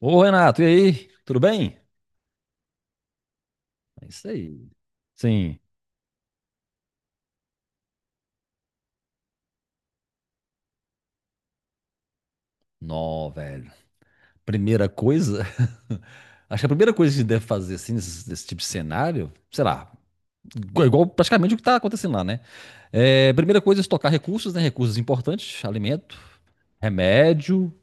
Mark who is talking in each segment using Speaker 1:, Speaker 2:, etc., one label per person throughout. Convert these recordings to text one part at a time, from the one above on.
Speaker 1: Ô, Renato, e aí? Tudo bem? É isso aí. Sim. Nó, velho. Primeira coisa. Acho que a primeira coisa que a gente deve fazer, assim, nesse tipo de cenário, sei lá, igual praticamente o que tá acontecendo lá, né? É, primeira coisa é estocar recursos, né? Recursos importantes, alimento, remédio.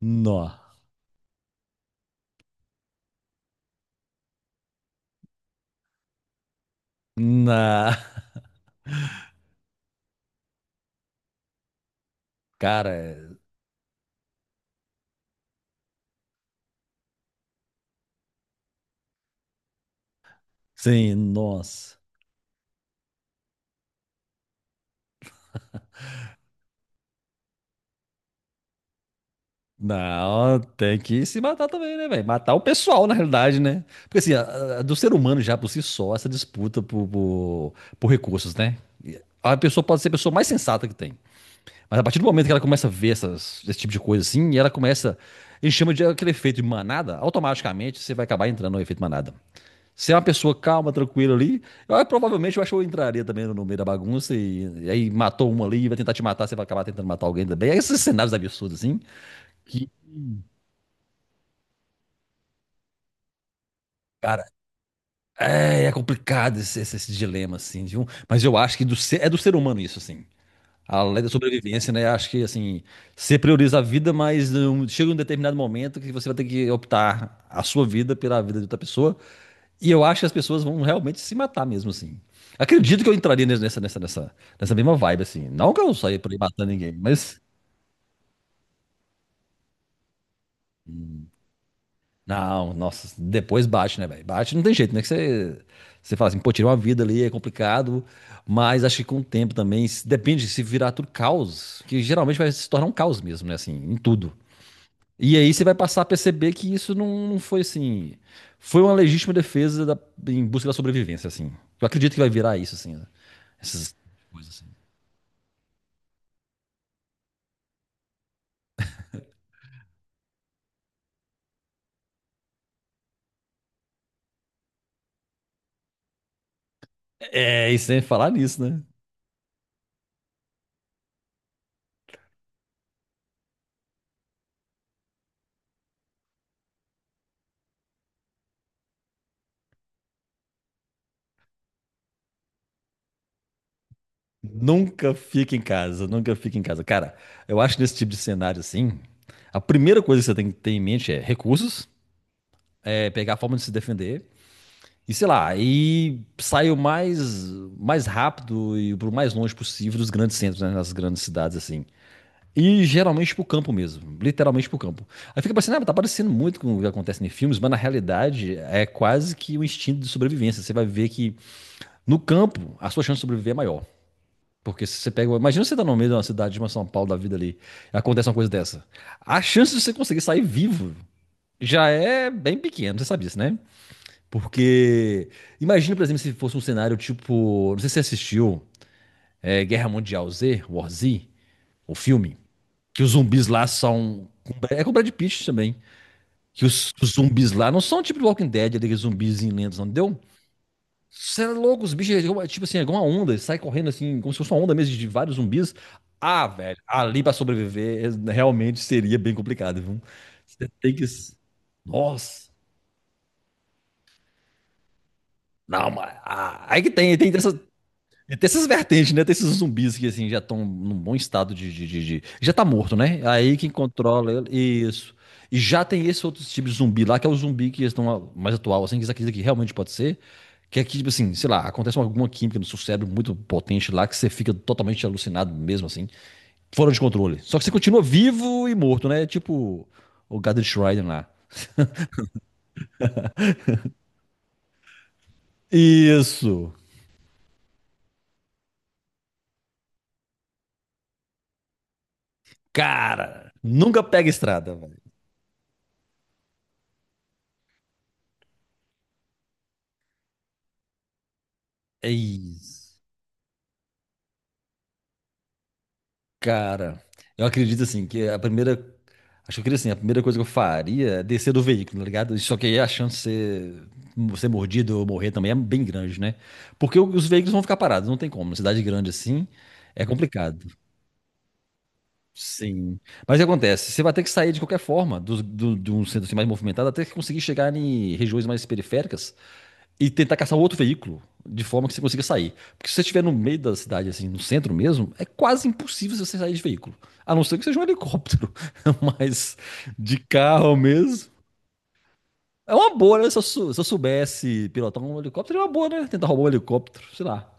Speaker 1: Nó. Na. Cara, é, sim, nossa. Não, tem que se matar também, né, velho? Matar o pessoal, na realidade, né? Porque assim, do ser humano já por si só, essa disputa por recursos, né? A pessoa pode ser a pessoa mais sensata que tem. Mas a partir do momento que ela começa a ver esse tipo de coisa assim, e ela começa. A gente chama de aquele efeito de manada, automaticamente você vai acabar entrando no efeito manada. Se é uma pessoa calma, tranquila ali, eu provavelmente eu acho que eu entraria também no meio da bagunça e aí matou uma ali, e vai tentar te matar, você vai acabar tentando matar alguém também. Esses cenários absurdos, assim. Que é, é complicado esse dilema, assim, viu? Mas eu acho que é do ser humano isso, assim. A lei da sobrevivência, né? Acho que, assim, você prioriza a vida, mas um, chega um determinado momento que você vai ter que optar a sua vida pela vida de outra pessoa. E eu acho que as pessoas vão realmente se matar mesmo, assim. Acredito que eu entraria nessa mesma vibe, assim. Não que eu saia por aí matando ninguém, mas não, nossa, depois bate, né, velho? Bate não tem jeito, né? Você fala assim, pô, tirar uma vida ali é complicado, mas acho que com o tempo também, depende se virar tudo caos, que geralmente vai se tornar um caos mesmo, né? Assim, em tudo. E aí você vai passar a perceber que isso não, não foi assim. Foi uma legítima defesa em busca da sobrevivência, assim. Eu acredito que vai virar isso, assim, né? Essas coisas assim. É, e sem falar nisso, né? Nunca fica em casa, nunca fica em casa. Cara, eu acho que nesse tipo de cenário assim, a primeira coisa que você tem que ter em mente é recursos, é pegar a forma de se defender e sei lá, e sair mais rápido e pro mais longe possível dos grandes centros, né, nas grandes cidades assim. E geralmente pro campo mesmo, literalmente pro campo. Aí fica pensando, ah, tá parecendo muito com o que acontece em filmes, mas na realidade é quase que um instinto de sobrevivência. Você vai ver que no campo a sua chance de sobreviver é maior. Porque se você pega. Imagina você tá no meio de uma cidade, de uma São Paulo da vida ali, e acontece uma coisa dessa. A chance de você conseguir sair vivo já é bem pequena, você sabe disso, né? Porque. Imagina, por exemplo, se fosse um cenário tipo. Não sei se você assistiu é, Guerra Mundial Z, War Z, o filme. Que os zumbis lá são. É com o Brad Pitt também. Que os zumbis lá não são tipo Walking Dead, aqueles zumbis lentos, não entendeu? Você é louco, os bichos, é tipo assim, é igual uma onda, eles saem correndo assim, como se fosse uma onda mesmo de vários zumbis. Ah, velho, ali pra sobreviver é- realmente seria bem complicado, viu? Você tem que. Nossa! Não, mas. Ah, aí que tem, tem dessa, e tem essas vertentes, né? Tem esses zumbis que assim já estão num bom estado já tá morto, né? Aí quem controla ele. Isso. E já tem esse outro tipo de zumbi lá, que é o zumbi que estão mais atual, assim, que isso aqui realmente pode ser. Que é que, tipo assim, sei lá, acontece alguma química no seu cérebro muito potente lá, que você fica totalmente alucinado mesmo, assim, fora de controle. Só que você continua vivo e morto, né? Tipo o Gad Schreider lá. Isso! Cara, nunca pega estrada, velho. É isso. Cara, eu acredito assim que a primeira. Acho que eu queria assim, a primeira coisa que eu faria é descer do veículo, tá ligado? Só que aí a chance de ser mordido ou morrer também é bem grande, né? Porque os veículos vão ficar parados, não tem como. Uma cidade grande assim é complicado. Sim. Mas o que acontece? Você vai ter que sair de qualquer forma de um centro assim mais movimentado até que conseguir chegar em regiões mais periféricas e tentar caçar um outro veículo de forma que você consiga sair. Porque se você estiver no meio da cidade, assim, no centro mesmo, é quase impossível você sair de veículo. A não ser que seja um helicóptero, mas de carro mesmo. É uma boa, né? Se eu soubesse pilotar um helicóptero, é uma boa, né? Tentar roubar um helicóptero, sei lá.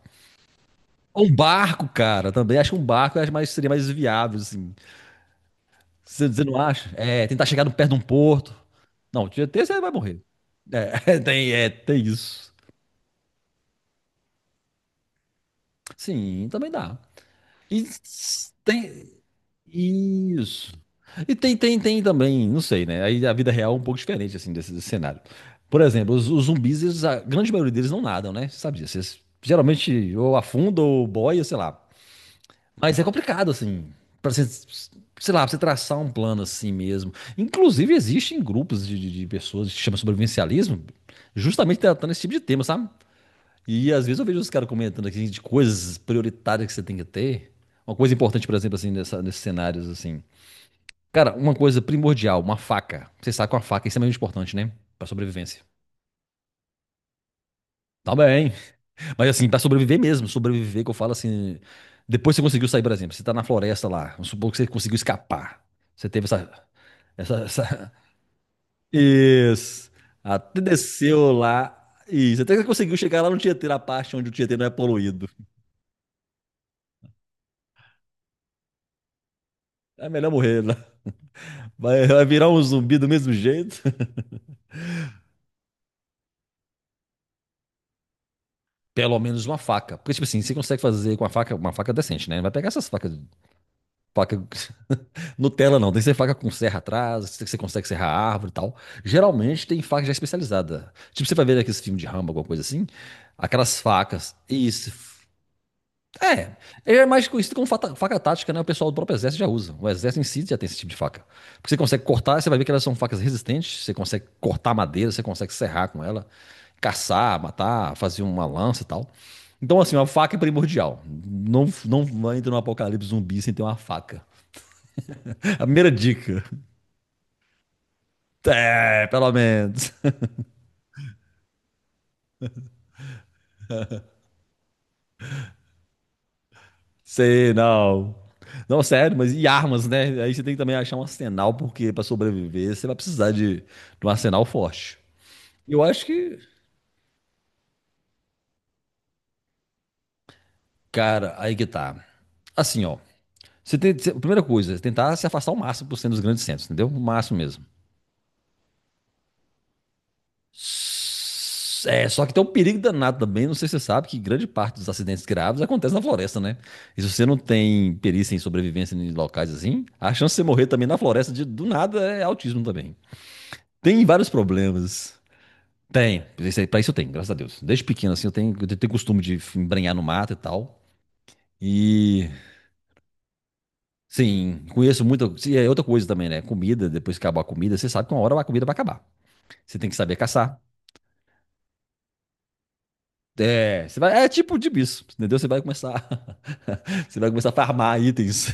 Speaker 1: Ou um barco, cara, também. Acho que um barco seria mais viável, assim. Você não acha? É, tentar chegar perto de um porto. Não, o dia você vai morrer. É, tem, é, tem isso. Sim, também dá. E tem. Isso. E tem também, não sei, né? Aí a vida real é um pouco diferente, assim, desse cenário. Por exemplo, os zumbis, eles, a grande maioria deles não nadam, né? Você sabe disso. Eles geralmente ou afundam ou boia, sei lá. Mas é complicado, assim, pra você, sei lá, pra você traçar um plano assim mesmo. Inclusive, existem grupos de pessoas que se chama sobrevivencialismo, justamente tratando esse tipo de tema, sabe? E às vezes eu vejo os caras comentando aqui de coisas prioritárias que você tem que ter. Uma coisa importante, por exemplo, assim, nesses cenários, assim. Cara, uma coisa primordial, uma faca. Você sabe que uma faca é extremamente importante, né? Pra sobrevivência. Tá bem. Mas assim, pra sobreviver mesmo, sobreviver que eu falo assim. Depois que você conseguiu sair, por exemplo, você tá na floresta lá. Vamos supor que você conseguiu escapar. Você teve essa. Essa. Essa... Isso. Até desceu lá. Isso. Até que você conseguiu chegar lá no Tietê, na parte onde o Tietê não é poluído. É melhor morrer. Né? Vai, vai virar um zumbi do mesmo jeito. Pelo menos uma faca. Porque, tipo assim, você consegue fazer com uma faca decente, né? Não vai pegar essas facas. Faca Nutella, não. Tem que ser faca com serra atrás, que você consegue serrar a árvore e tal. Geralmente tem faca já especializada. Tipo, você vai ver aqueles filmes de Rambo alguma coisa assim. Aquelas facas. Isso, é, ele é mais conhecido como faca tática, né? O pessoal do próprio exército já usa. O exército em si já tem esse tipo de faca. Porque você consegue cortar, você vai ver que elas são facas resistentes, você consegue cortar madeira, você consegue serrar com ela, caçar, matar, fazer uma lança e tal. Então, assim, uma faca é primordial. Não entra no apocalipse zumbi sem ter uma faca. A primeira dica. É, pelo menos. Sei, não. Não, sério, mas e armas, né? Aí você tem que também achar um arsenal, porque para sobreviver você vai precisar de um arsenal forte. Eu acho que, cara, aí que tá. Assim, ó. Primeira coisa, tentar se afastar o máximo por cento dos grandes centros, entendeu? O máximo mesmo. S- É, só que tem um perigo danado também, não sei se você sabe, que grande parte dos acidentes graves acontece na floresta, né? E se você não tem perícia em sobrevivência em locais assim, a chance de você morrer também na floresta de, do nada é autismo também. Tem vários problemas. Tem, pra isso eu tenho, graças a Deus. Desde pequeno, assim, eu tenho costume de embrenhar no mato e tal. E sim, conheço muita. E é outra coisa também, né? Comida, depois que acabar a comida, você sabe que uma hora a comida vai acabar. Você tem que saber caçar. É, você vai, é tipo de bicho, entendeu? Você vai começar. Você vai começar a farmar itens.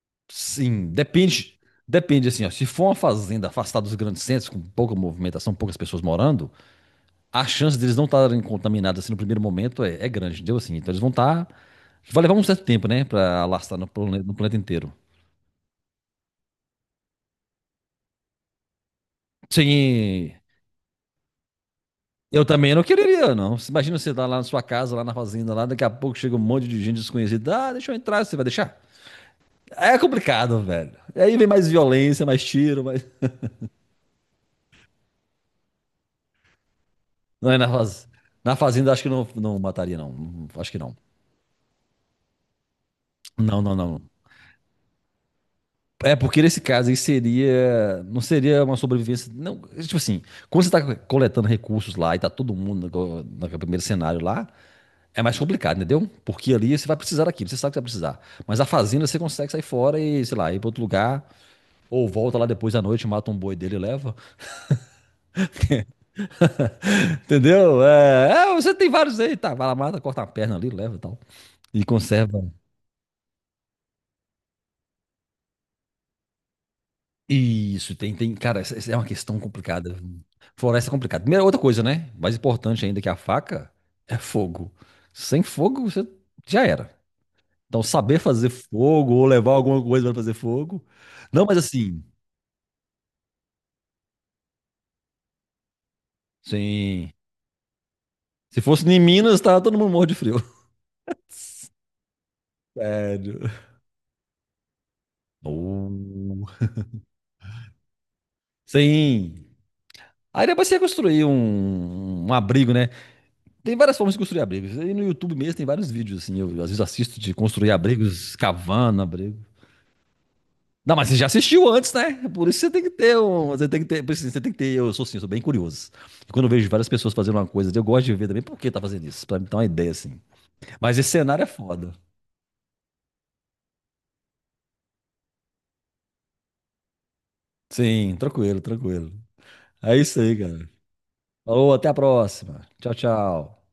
Speaker 1: Sim, depende. Depende, assim, ó. Se for uma fazenda afastada dos grandes centros, com pouca movimentação, poucas pessoas morando, a chance deles não estarem contaminados assim no primeiro momento é grande, entendeu? Assim, então eles vão estar. Vai levar um certo tempo, né? Pra alastrar no planeta, no planeta inteiro. Sim. Eu também não quereria, não. Você imagina você tá lá na sua casa, lá na fazenda, lá, daqui a pouco chega um monte de gente desconhecida. Ah, deixa eu entrar, você vai deixar? É complicado, velho. E aí vem mais violência, mais tiro, mais. Não é na fazenda. Na fazenda acho que não, não mataria, não. Acho que não. Não, não, não. É porque nesse caso aí seria. Não seria uma sobrevivência. Não, tipo assim, quando você tá coletando recursos lá e tá todo mundo no primeiro cenário lá, é mais complicado, entendeu? Porque ali você vai precisar daquilo, você sabe que você vai precisar. Mas a fazenda você consegue sair fora e, sei lá, ir para outro lugar, ou volta lá depois da noite, mata um boi dele e leva. Entendeu? É, é, você tem vários aí, tá? Vai lá, mata, corta uma perna ali, leva e tal. E conserva. Isso, tem, tem. Cara, essa é uma questão complicada. Floresta é complicada. Primeira outra coisa, né? Mais importante ainda que a faca é fogo. Sem fogo, você já era. Então, saber fazer fogo ou levar alguma coisa para fazer fogo. Não, mas assim. Sim. Se fosse em Minas, tava todo mundo morro de frio. Sério. Oh. Sim. Aí depois você ia construir um abrigo, né? Tem várias formas de construir abrigos. Aí no YouTube mesmo tem vários vídeos, assim. Eu às vezes assisto de construir abrigos, cavando abrigo. Não, mas você já assistiu antes, né? Por isso você tem que ter um. Você tem que ter. Por isso Você tem que ter. Eu sou assim, eu sou bem curioso. Quando eu vejo várias pessoas fazendo uma coisa, eu gosto de ver também por que tá fazendo isso. Pra me dar uma ideia, assim. Mas esse cenário é foda. Sim, tranquilo, tranquilo. É isso aí, cara. Falou, até a próxima. Tchau, tchau.